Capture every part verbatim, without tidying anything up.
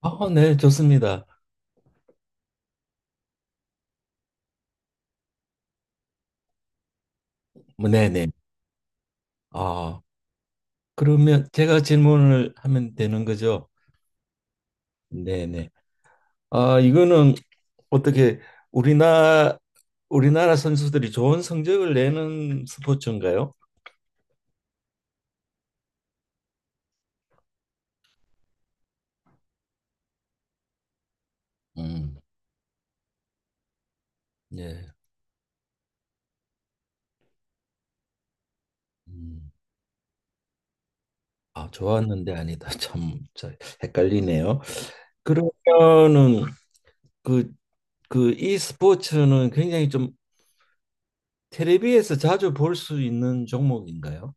아, 네, 좋습니다. 뭐, 네, 네. 아, 그러면 제가 질문을 하면 되는 거죠? 네, 네. 아, 이거는 어떻게 우리나라 우리나라 선수들이 좋은 성적을 내는 스포츠인가요? 음, 예. 음. 아, 좋았는데 아니다. 참, 저 헷갈리네요. 그러면은 그, 그 이 스포츠는 굉장히 좀 텔레비에서 자주 볼 수 있는 종목인가요?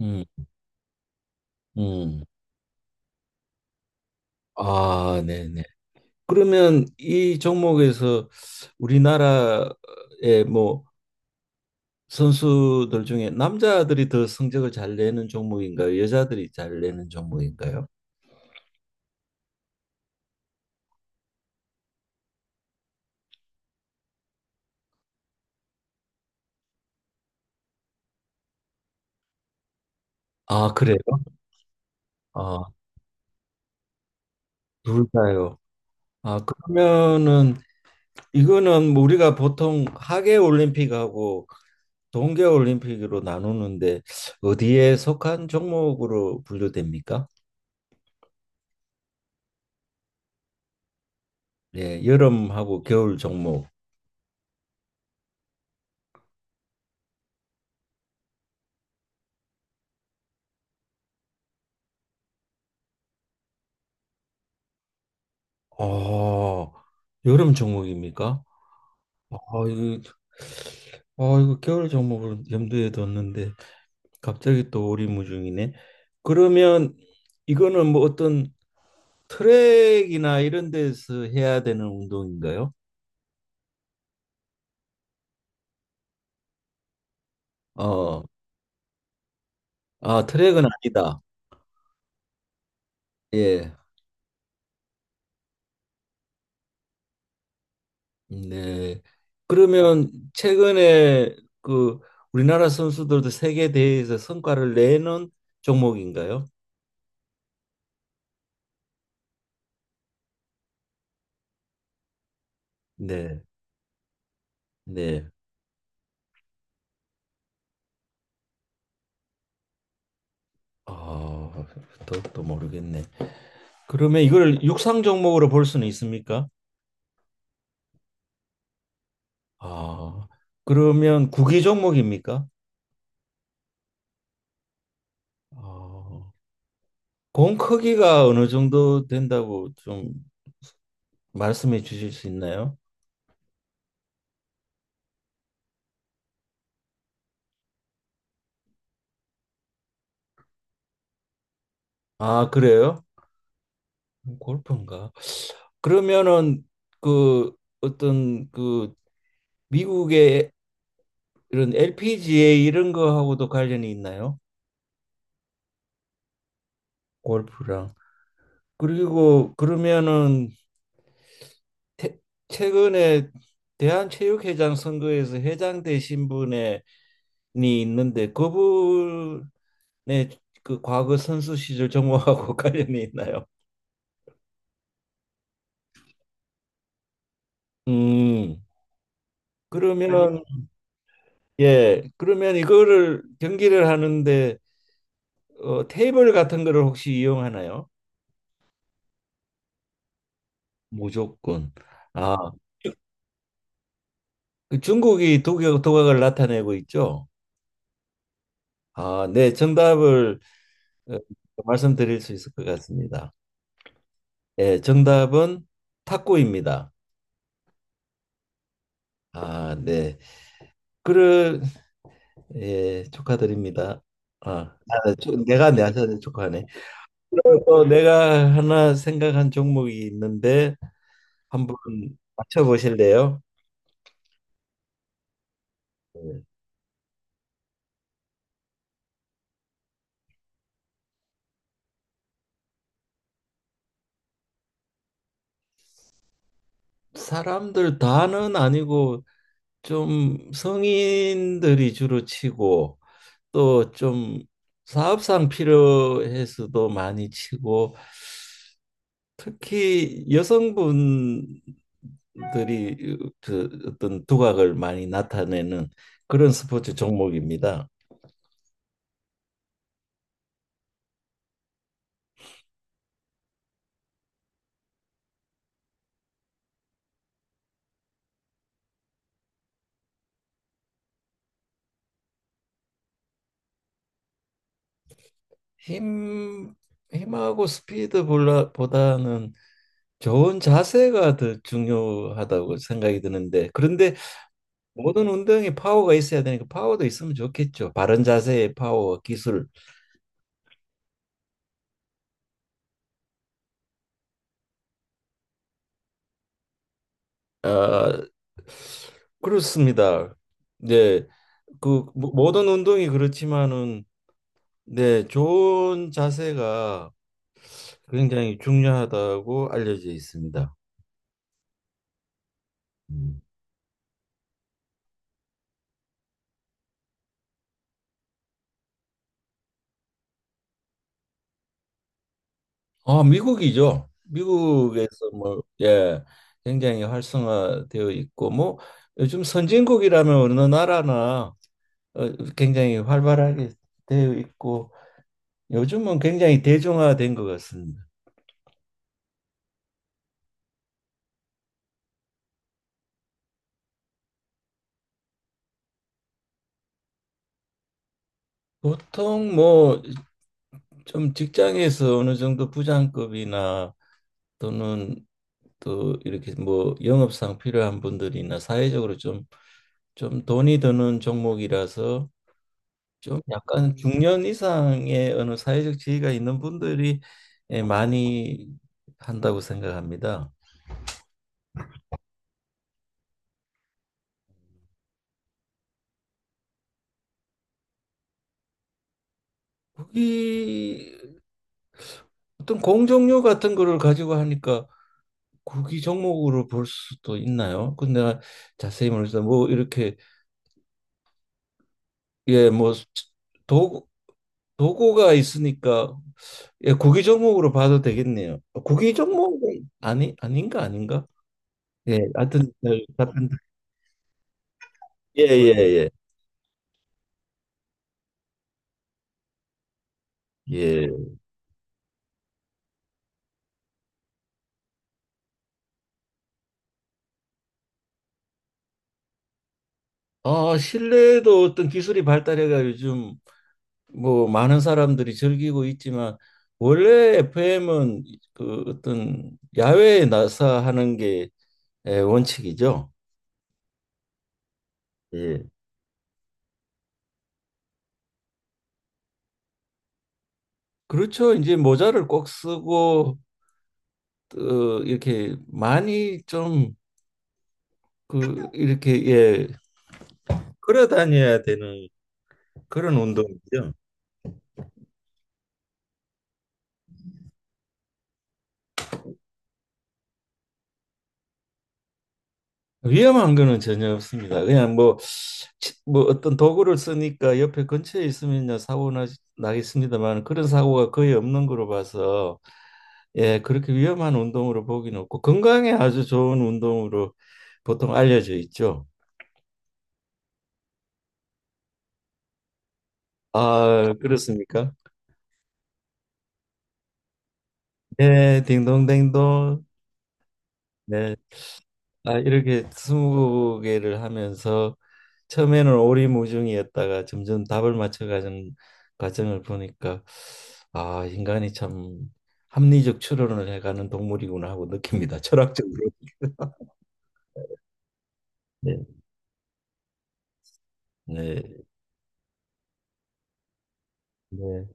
음. 음. 아, 네네. 그러면 이 종목에서 우리나라의 뭐 선수들 중에 남자들이 더 성적을 잘 내는 종목인가요? 여자들이 잘 내는 종목인가요? 아, 그래요? 아, 둘 다요. 아, 그러면은 이거는 뭐 우리가 보통 하계 올림픽하고 동계 올림픽으로 나누는데 어디에 속한 종목으로 분류됩니까? 예, 여름하고 겨울 종목. 어, 여름 종목입니까? 아 이거 아 이거 겨울 종목을 염두에 뒀는데 갑자기 또 오리무중이네. 그러면 이거는 뭐 어떤 트랙이나 이런 데서 해야 되는 운동인가요? 어, 아 트랙은 아니다. 예, 네. 그러면 최근에 그 우리나라 선수들도 세계 대회에서 성과를 내는 종목인가요? 네, 네. 아, 또, 또 모르겠네. 그러면 이걸 육상 종목으로 볼 수는 있습니까? 아, 그러면 구기 종목입니까? 아, 공 크기가 어느 정도 된다고 좀 말씀해 주실 수 있나요? 아, 그래요? 골프인가? 그러면은 그 어떤 그 미국의 이런 엘피지에이 이런 거하고도 관련이 있나요? 골프랑. 그리고 그러면은 태- 최근에 대한체육회장 선거에서 회장 되신 분의 있는데 그분의 그 과거 선수 시절 정보하고 관련이 있나요? 음. 그러면 예, 그러면 이거를 경기를 하는데 어, 테이블 같은 거를 혹시 이용하나요? 무조건. 아, 그 중국이 독일 도각을 나타내고 있죠. 아, 네, 정답을 어, 말씀드릴 수 있을 것 같습니다. 예, 정답은 탁구입니다. 아, 네. 그래 예, 축하드립니다. 아, 아, 저- 내가 내한테 축하하네. 그리고 또 내가 하나 생각한 종목이 있는데 한번 맞춰보실래요? 네. 사람들 다는 아니고 좀 성인들이 주로 치고 또 좀 사업상 필요해서도 많이 치고 특히 여성분들이 그 어떤 두각을 많이 나타내는 그런 스포츠 종목입니다. 힘, 힘하고 스피드보다는 좋은 자세가 더 중요하다고 생각이 드는데, 그런데 모든 운동에 파워가 있어야 되니까 파워도 있으면 좋겠죠. 바른 자세의 파워, 기술. 아, 그렇습니다. 네, 그 모- 모든 운동이 그렇지만은, 네, 좋은 자세가 굉장히 중요하다고 알려져 있습니다. 음. 아, 미국이죠. 미국에서 뭐, 예, 굉장히 활성화되어 있고, 뭐, 요즘 선진국이라면 어느 나라나 어, 굉장히 활발하게 되어 있고, 요즘은 굉장히 대중화된 것 같습니다. 보통 뭐, 좀 직장에서 어느 정도 부장급이나 또는 또 이렇게 뭐 영업상 필요한 분들이나 사회적으로 좀, 좀, 돈이 드는 종목이라서 좀 약간 중년 이상의 어느 사회적 지위가 있는 분들이 예, 많이 한다고 생각합니다. 국이 어떤 공정률 같은 거를 가지고 하니까 국이 종목으로 볼 수도 있나요? 근데 자세히 모르겠어요. 뭐 이렇게 예, 뭐 도구 도구가 있으니까 예, 국이 종목으로 봐도 되겠네요. 국이 종목은 아니 아닌가 아닌가? 예, 하여튼 같은 예예예 예. 예, 예. 예. 아 실내에도 어떤 기술이 발달해가 요즘 뭐 많은 사람들이 즐기고 있지만 원래 에프엠은 그 어떤 야외에 나서 하는 게 예, 원칙이죠. 예. 그렇죠. 이제 모자를 꼭 쓰고 어, 이렇게 많이 좀 그 이렇게 예 걸어 다녀야 되는 그런 운동이죠. 위험한 거는 전혀 없습니다. 그냥 뭐, 치- 뭐 어떤 도구를 쓰니까 옆에 근처에 있으면 요 사고 나, 나겠습니다만 그런 사고가 거의 없는 거로 봐서 예, 그렇게 위험한 운동으로 보기는 없고 건강에 아주 좋은 운동으로 보통 알려져 있죠. 아, 그렇습니까? 예, 딩동댕동. 네. 아, 이렇게 스무 개를 하면서 처음에는 오리무중이었다가 점점 답을 맞춰가는 과정을 보니까 아, 인간이 참 합리적 추론을 해가는 동물이구나 하고 느낍니다. 철학적으로. 네. 네. 네.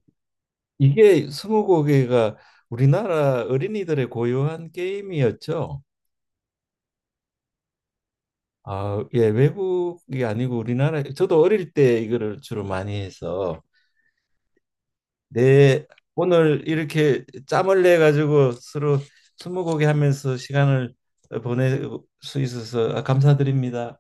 이게 스무고개가 우리나라 어린이들의 고유한 게임이었죠. 아, 예, 외국이 아니고 우리나라 저도 어릴 때 이거를 주로 많이 해서 네, 오늘 이렇게 짬을 내 가지고 서로 스무고개 하면서 시간을 보낼 수 있어서 감사드립니다.